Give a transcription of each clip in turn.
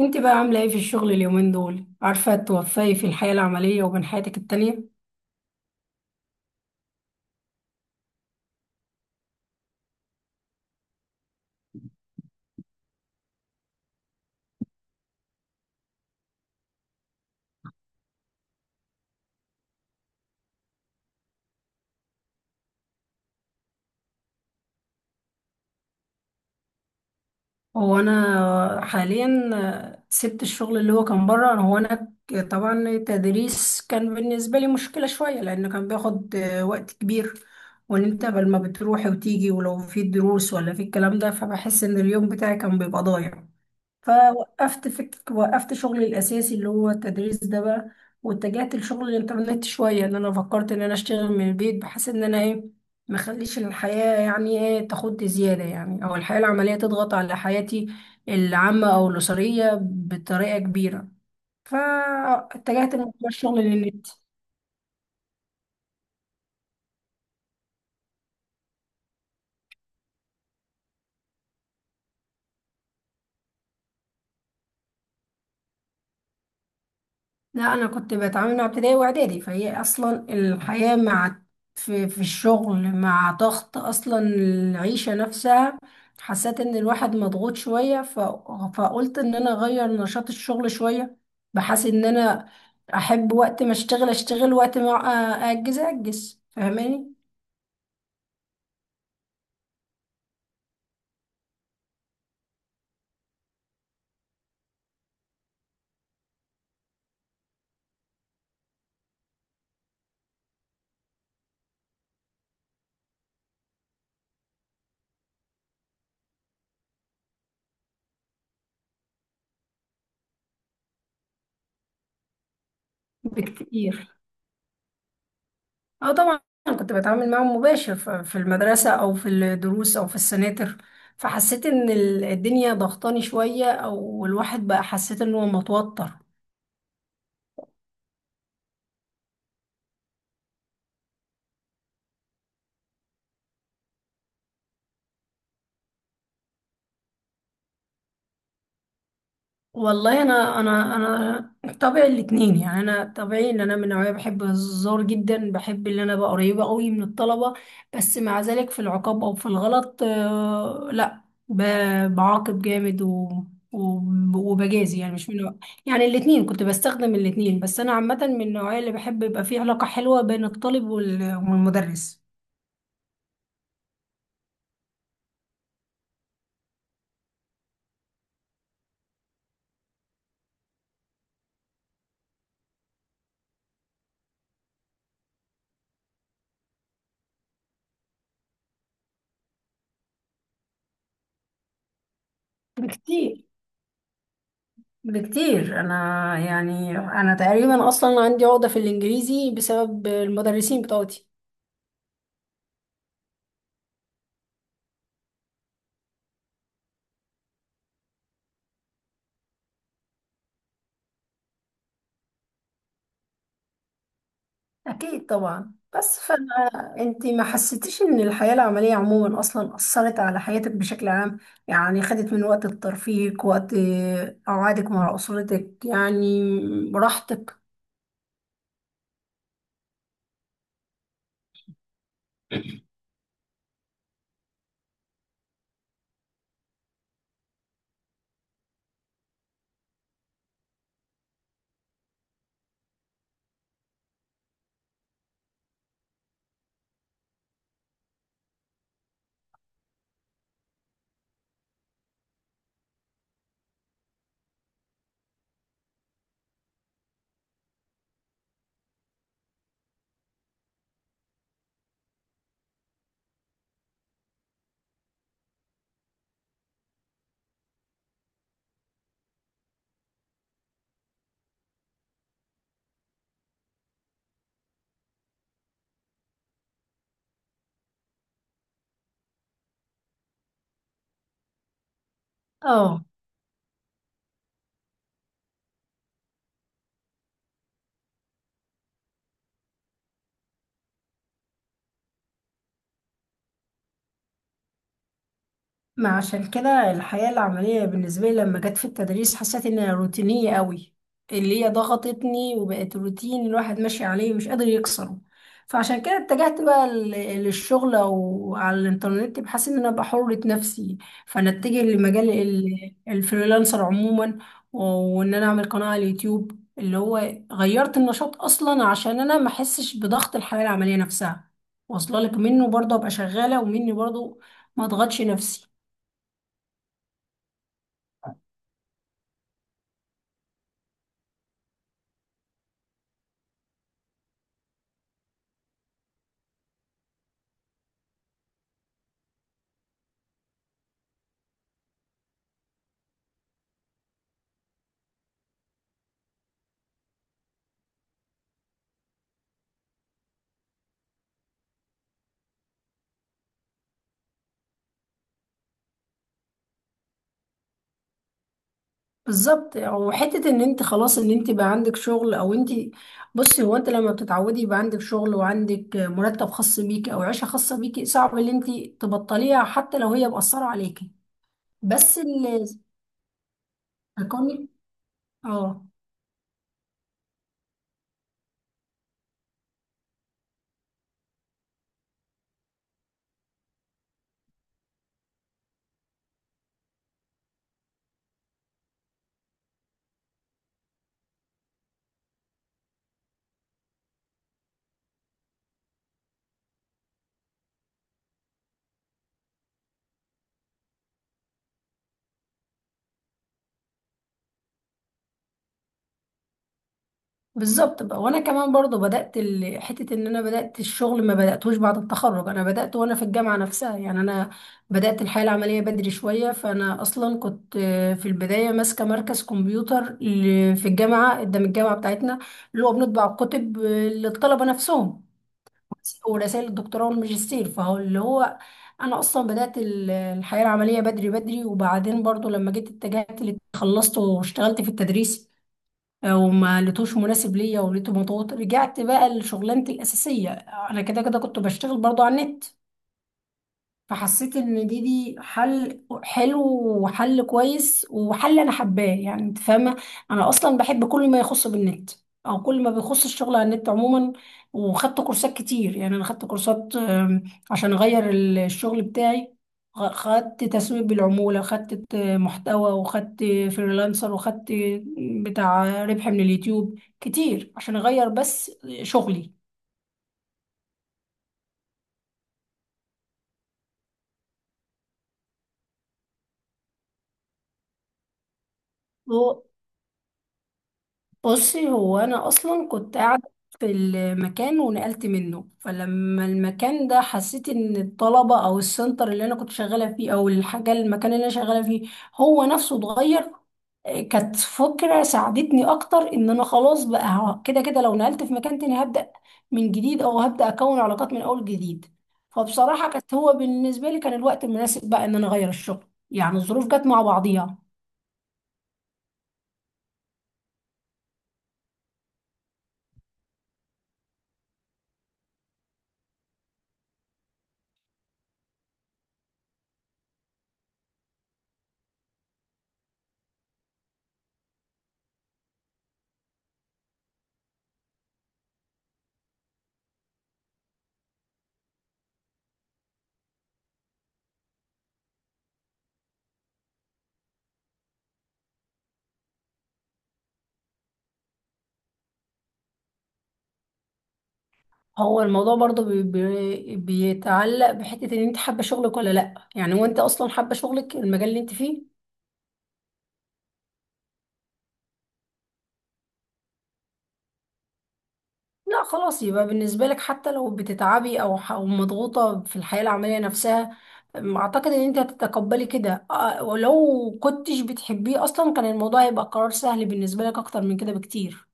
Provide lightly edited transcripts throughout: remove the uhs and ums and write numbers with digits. انت بقى عاملة ايه في الشغل اليومين دول؟ عارفة توفقي في الحياة العملية وبين حياتك التانية؟ هو انا حاليا، سبت الشغل اللي هو كان بره. هو انا طبعا التدريس كان بالنسبة لي مشكلة شوية لانه كان بياخد وقت كبير، وان انت بل ما بتروحي وتيجي ولو في دروس ولا في الكلام ده فبحس ان اليوم بتاعي كان بيبقى ضايع. فوقفت وقفت شغلي الأساسي اللي هو التدريس ده بقى، واتجهت لشغل الإنترنت شوية، إن أنا فكرت إن أنا أشتغل من البيت بحيث إن أنا إيه مخليش الحياة يعني إيه تاخد زيادة، يعني أو الحياة العملية تضغط على حياتي العامة أو الأسرية بطريقة كبيرة. فاتجهت لموضوع الشغل للنت. لا، انا كنت بتعامل مع ابتدائي واعدادي، فهي اصلا الحياه مع في الشغل مع ضغط اصلا العيشه نفسها. حسيت ان الواحد مضغوط شويه، فقلت ان انا اغير نشاط الشغل شويه، بحيث ان انا احب وقت ما اشتغل اشتغل، وقت ما اجز فاهماني؟ بكتير. اه طبعا، كنت بتعامل معاهم مباشر في المدرسة أو في الدروس أو في السناتر، فحسيت إن الدنيا ضغطاني شوية، أو الواحد بقى حسيت إن هو متوتر. والله انا طبعي الاتنين، يعني انا طبيعي ان انا من نوعيه بحب الهزار جدا، بحب ان انا ابقى قريبه قوي من الطلبه. بس مع ذلك في العقاب او في الغلط، لا، بعاقب جامد وبجازي، يعني مش من يعني الاتنين، كنت بستخدم الاتنين. بس انا عامه من النوعيه اللي بحب يبقى فيه علاقه حلوه بين الطالب والمدرس. بكتير، بكتير. انا يعني انا تقريبا اصلا عندي عقدة في الانجليزي بسبب المدرسين بتوعي. أكيد طبعا، بس فأنا، أنت ما حسيتيش إن الحياة العملية عموما أصلا أثرت على حياتك بشكل عام؟ يعني خدت من وقت ترفيهك، وقت قعدك مع أسرتك، يعني راحتك. اه. ما عشان كده الحياة العملية بالنسبة لي لما جت في التدريس حسيت انها روتينية قوي، اللي هي ضغطتني وبقت روتين الواحد ماشي عليه مش قادر يكسره. فعشان كده اتجهت بقى للشغل او على الانترنت بحيث ان انا ابقى حرة نفسي. فانا اتجه لمجال الفريلانسر عموما، و- وان انا اعمل قناة على اليوتيوب، اللي هو غيرت النشاط اصلا عشان انا ما احسش بضغط الحياة العملية نفسها، واصله لك منه برضه ابقى شغالة، ومني برضه ما اضغطش نفسي. بالظبط. وحته ان انت خلاص ان انت بقى عندك شغل، او انت، بصي، هو انت لما بتتعودي يبقى عندك شغل وعندك مرتب خاص بيكي او عيشه خاصه بيكي، صعب ان انت تبطليها حتى لو هي مأثره عليكي. بس اللي، كونك، اه، بالظبط بقى. وانا كمان برضو بدات حته ان انا بدات الشغل، ما بداتهوش بعد التخرج، انا بدات وانا في الجامعه نفسها، يعني انا بدات الحياه العمليه بدري شويه. فانا اصلا كنت في البدايه ماسكه مركز كمبيوتر في الجامعه قدام الجامعه بتاعتنا، اللي هو بنطبع الكتب للطلبه نفسهم ورسائل الدكتوراه والماجستير. فهو اللي هو انا اصلا بدات الحياه العمليه بدري بدري. وبعدين برضو لما جيت اتجهت خلصت واشتغلت في التدريس، وما لقيتوش مناسب ليا، ولقيته مضغوط، رجعت بقى لشغلانتي الاساسيه. انا كده كده كنت بشتغل برضو على النت، فحسيت ان دي حل حلو، وحل كويس، وحل انا حباه، يعني انت فاهمه. انا اصلا بحب كل ما يخص بالنت، او كل ما بيخص الشغل على النت عموما. وخدت كورسات كتير، يعني انا خدت كورسات عشان اغير الشغل بتاعي. خدت تسويق بالعموله، خدت محتوى، وخدت فريلانسر، وخدت بتاع ربح من اليوتيوب كتير، عشان اغير بس شغلي. بصي، هو انا اصلا كنت قاعده في المكان ونقلت منه. فلما المكان ده حسيت ان الطلبه، او السنتر اللي انا كنت شغاله فيه، او الحاجه المكان اللي انا شغاله فيه هو نفسه اتغير، كانت فكره ساعدتني اكتر ان انا خلاص بقى كده كده لو نقلت في مكان تاني هبدا من جديد، او هبدا اكون علاقات من اول جديد. فبصراحه كانت، هو بالنسبه لي كان الوقت المناسب بقى ان انا اغير الشغل، يعني الظروف جت مع بعضيها. هو الموضوع برضو بي بي بيتعلق بحتة ان انت حابة شغلك ولا لا، يعني وانت اصلا حابة شغلك، المجال اللي انت فيه؟ لا خلاص، يبقى بالنسبة لك حتى لو بتتعبي او أو مضغوطة في الحياة العملية نفسها، اعتقد ان انت هتتقبلي كده. ولو كنتش بتحبيه اصلا كان الموضوع هيبقى قرار سهل بالنسبة لك اكتر من كده بكتير.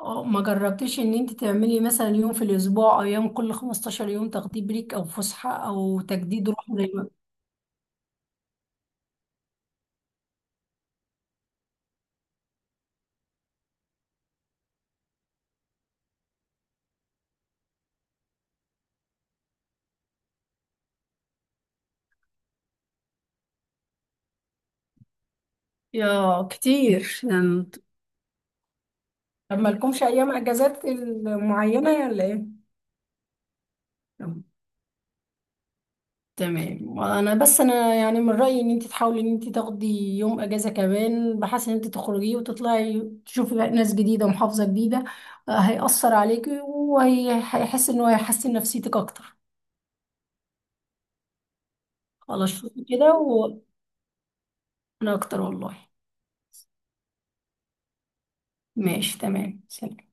اه، ما جربتيش ان انت تعملي مثلا يوم في الاسبوع، او يوم كل 15 يوم تاخدي بريك او فسحة او تجديد روح، زي يا كتير يعني. طب مالكمش ايام اجازات معينه ولا ايه؟ طب تمام. انا بس، انا يعني من رايي ان انت تحاولي ان انت تاخدي يوم اجازه كمان، بحيث ان انت تخرجي وتطلعي تشوفي بقى ناس جديده ومحافظه جديده، هيأثر عليكي وهيحس انه هيحسن نفسيتك اكتر. خلاص، شوفي كده، وانا اكتر والله. ماشي، تمام، سلام.